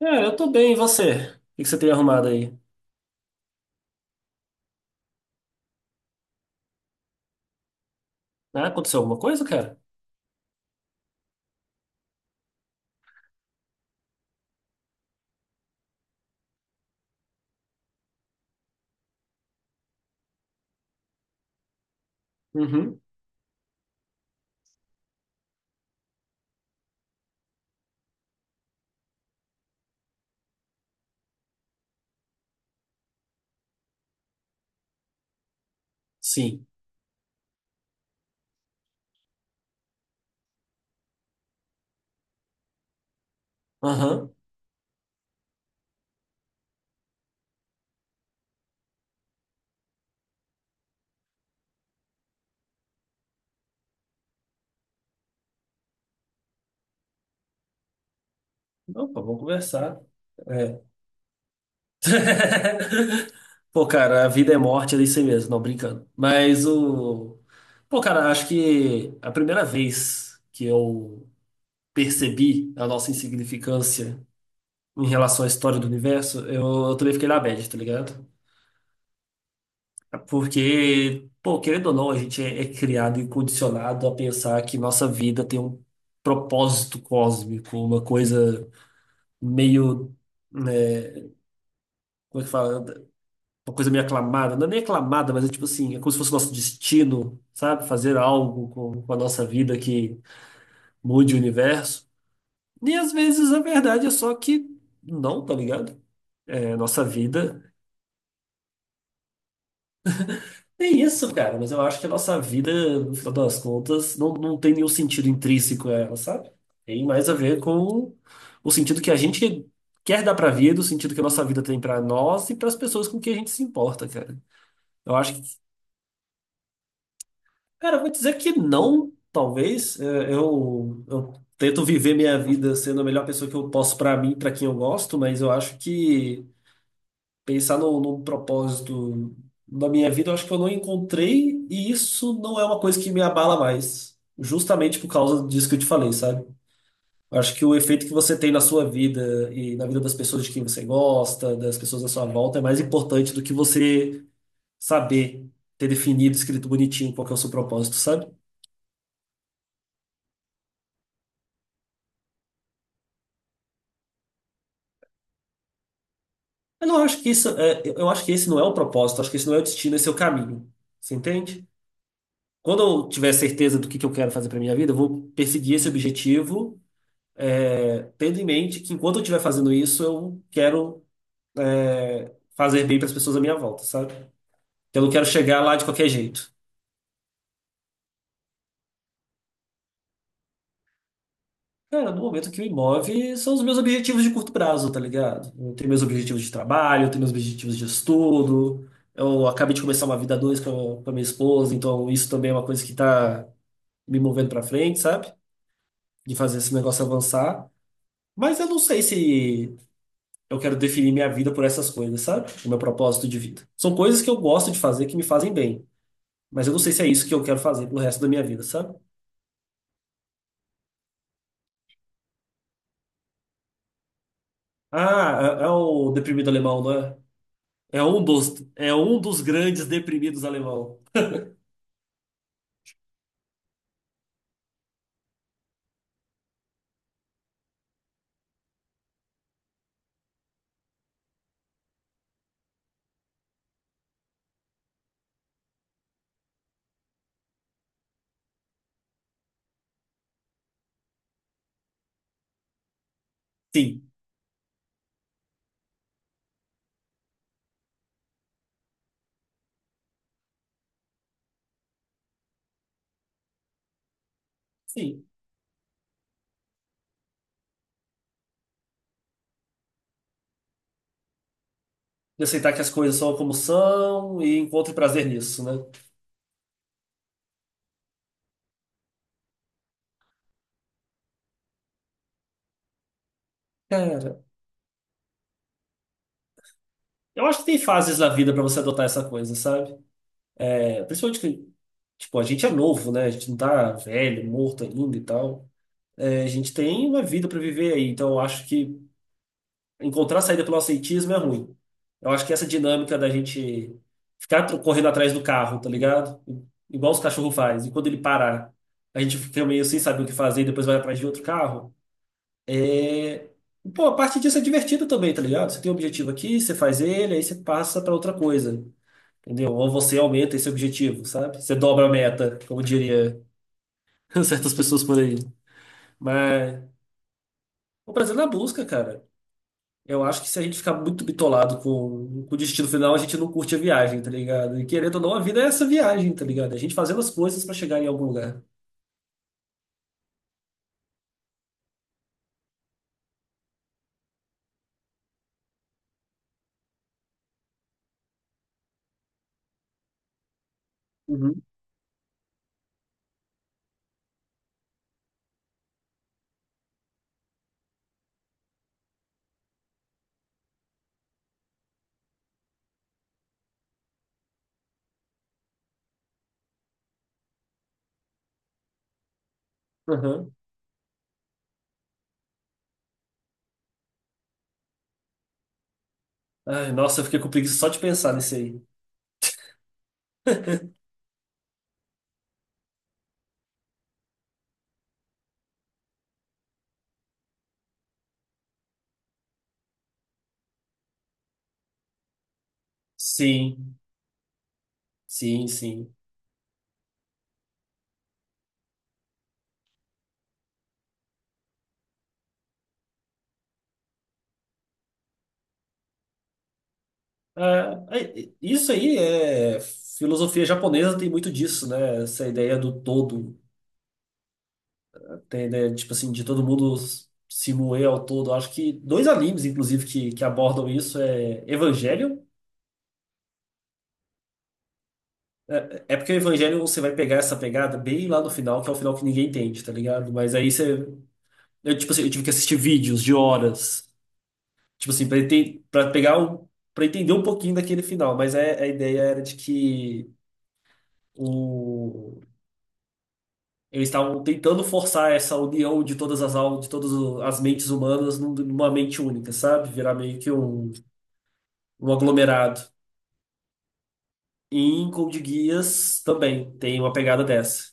É, eu tô bem, e você? O que que você tem arrumado aí? Ah, aconteceu alguma coisa, cara? Uhum. Sim. Aham. Opa, vamos conversar. É. Pô, cara, a vida é morte, é isso aí mesmo, não brincando. Mas o. Pô, cara, acho que a primeira vez que eu percebi a nossa insignificância em relação à história do universo, eu também fiquei na bad, tá ligado? Porque, pô, querendo ou não, a gente é criado e condicionado a pensar que nossa vida tem um propósito cósmico, uma coisa meio, né, como é que fala? Uma coisa meio aclamada, não é nem aclamada, mas é tipo assim, é como se fosse nosso destino, sabe? Fazer algo com a nossa vida que mude o universo. E às vezes a verdade é só que não, tá ligado? É, nossa vida. É isso, cara, mas eu acho que a nossa vida, no final das contas, não tem nenhum sentido intrínseco a ela, sabe? Tem mais a ver com o sentido que a gente quer dar pra vida, o sentido que a nossa vida tem pra nós e pras pessoas com quem a gente se importa, cara. Eu acho que, cara, eu vou dizer que não, talvez. É, eu tento viver minha vida sendo a melhor pessoa que eu posso pra mim, pra quem eu gosto, mas eu acho que. Pensar no propósito da minha vida, eu acho que eu não encontrei, e isso não é uma coisa que me abala mais, justamente por causa disso que eu te falei, sabe? Eu acho que o efeito que você tem na sua vida e na vida das pessoas de quem você gosta, das pessoas à sua volta, é mais importante do que você saber ter definido, escrito bonitinho qual que é o seu propósito, sabe? Eu não acho que isso é, eu acho que esse não é o propósito, acho que esse não é o destino, esse é o caminho. Você entende? Quando eu tiver certeza do que eu quero fazer para minha vida, eu vou perseguir esse objetivo é, tendo em mente que enquanto eu estiver fazendo isso, eu quero é, fazer bem para as pessoas à minha volta, sabe? Então, eu não quero chegar lá de qualquer jeito. Cara, no momento que me move são os meus objetivos de curto prazo, tá ligado? Eu tenho meus objetivos de trabalho, eu tenho meus objetivos de estudo. Eu acabei de começar uma vida a dois com a minha esposa, então isso também é uma coisa que tá me movendo para frente, sabe? De fazer esse negócio avançar. Mas eu não sei se eu quero definir minha vida por essas coisas, sabe? O meu propósito de vida. São coisas que eu gosto de fazer que me fazem bem, mas eu não sei se é isso que eu quero fazer pro resto da minha vida, sabe? Ah, é, é o deprimido alemão, não é? É um dos grandes deprimidos alemão. Sim, sim. De aceitar que as coisas são como são e encontre prazer nisso, né? Cara, eu acho que tem fases na vida pra você adotar essa coisa, sabe? É, principalmente que, tipo, a gente é novo, né? A gente não tá velho, morto ainda e tal. É, a gente tem uma vida para viver aí, então eu acho que encontrar saída pelo aceitismo é ruim. Eu acho que essa dinâmica da gente ficar correndo atrás do carro, tá ligado? Igual os cachorros fazem. E quando ele parar, a gente fica meio sem saber o que fazer e depois vai atrás de outro carro. É, pô, a parte disso é divertido também, tá ligado? Você tem um objetivo aqui, você faz ele, aí você passa para outra coisa, entendeu? Ou você aumenta esse objetivo, sabe? Você dobra a meta, como diria certas pessoas por aí. Mas o prazer na busca, cara. Eu acho que se a gente ficar muito bitolado com o destino final, a gente não curte a viagem, tá ligado? E querendo ou não, a vida é essa viagem, tá ligado? A gente fazendo as coisas pra chegar em algum lugar. Uhum. Uhum. Ai, nossa, eu fiquei com preguiça só de pensar nisso aí. Sim, sim, sim. Ah, é- isso aí é. Filosofia japonesa tem muito disso, né? Essa ideia do todo. Tem a ideia, tipo assim, de todo mundo se moer ao todo. Acho que dois animes, inclusive, que abordam isso é Evangelion. É porque o Evangelho você vai pegar essa pegada bem lá no final, que é o final que ninguém entende, tá ligado? Mas aí você. Eu, tipo assim, eu tive que assistir vídeos de horas, tipo assim, pra, pra pegar um, pra entender um pouquinho daquele final. Mas é- a ideia era de que o, eles estavam tentando forçar essa união de todas as almas, de todas as mentes humanas numa mente única, sabe? Virar meio que um aglomerado. E em Code Geass também tem uma pegada dessa.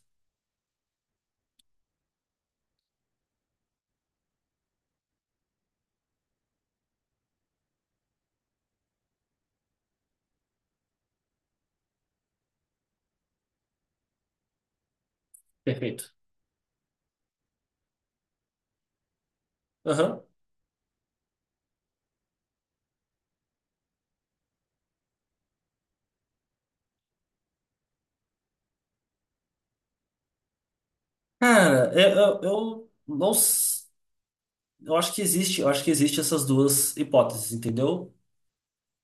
Perfeito. Aham. Cara, eu não. Eu acho que existe, eu acho que existe essas duas hipóteses, entendeu?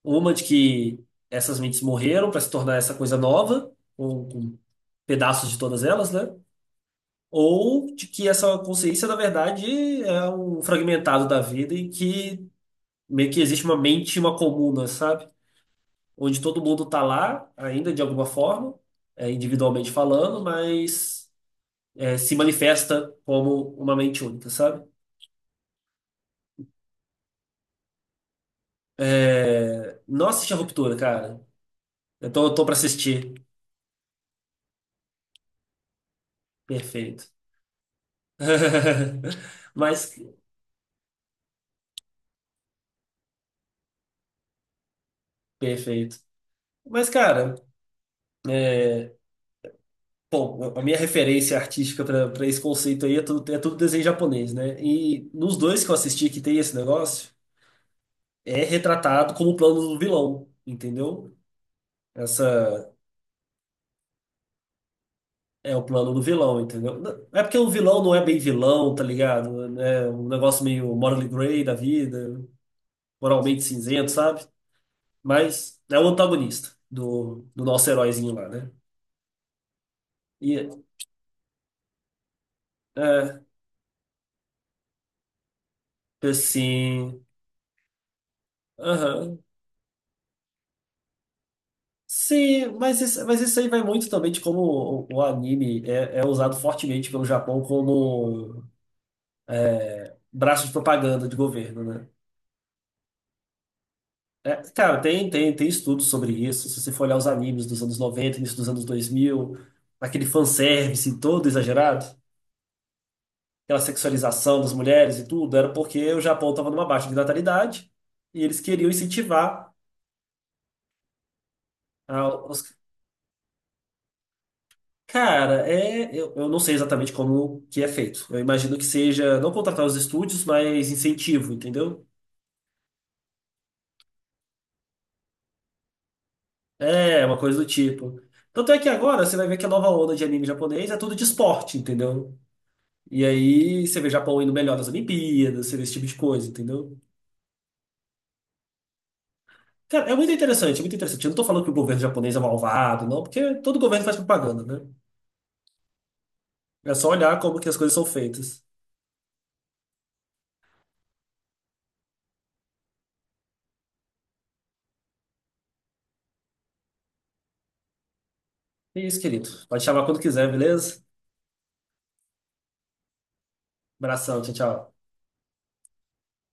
Uma de que essas mentes morreram para se tornar essa coisa nova, com pedaços de todas elas, né? Ou de que essa consciência, na verdade, é um fragmentado da vida e que meio que existe uma mente, uma comuna, sabe? Onde todo mundo tá lá, ainda de alguma forma, é, individualmente falando, mas é, se manifesta como uma mente única, sabe? É. Nossa, assisti a Ruptura, cara. Eu tô pra assistir. Perfeito. Mas, perfeito. Mas, cara, é. Bom, a minha referência artística pra esse conceito aí é tudo desenho japonês, né? E nos dois que eu assisti que tem esse negócio, é retratado como o plano do vilão, entendeu? Essa é o plano do vilão, entendeu? Não- É porque o vilão não é bem vilão, tá ligado? É um negócio meio morally gray da vida, moralmente cinzento, sabe? Mas é o antagonista do, do nosso heróizinho lá, né? E é, assim. Aham. Sim, mas isso aí vai muito também de como o anime é usado fortemente pelo Japão como braço de propaganda de governo, né? É, cara, tem estudos sobre isso. Se você for olhar os animes dos anos 90, início dos anos 2000, aquele fanservice todo exagerado, aquela sexualização das mulheres e tudo, era porque o Japão estava numa baixa de natalidade e eles queriam incentivar. Ah, os- Cara, é, eu não sei exatamente como que é feito. Eu imagino que seja não contratar os estúdios, mas incentivo, entendeu? É, uma coisa do tipo. Tanto é que agora você vai ver que a nova onda de anime japonês é tudo de esporte, entendeu? E aí você vê o Japão indo melhor nas Olimpíadas, você vê esse tipo de coisa, entendeu? Cara, é muito interessante, é muito interessante. Eu não tô falando que o governo japonês é malvado, não, porque todo governo faz propaganda, né? É só olhar como que as coisas são feitas. É isso, querido. Pode chamar quando quiser, beleza? Abração, tchau, tchau.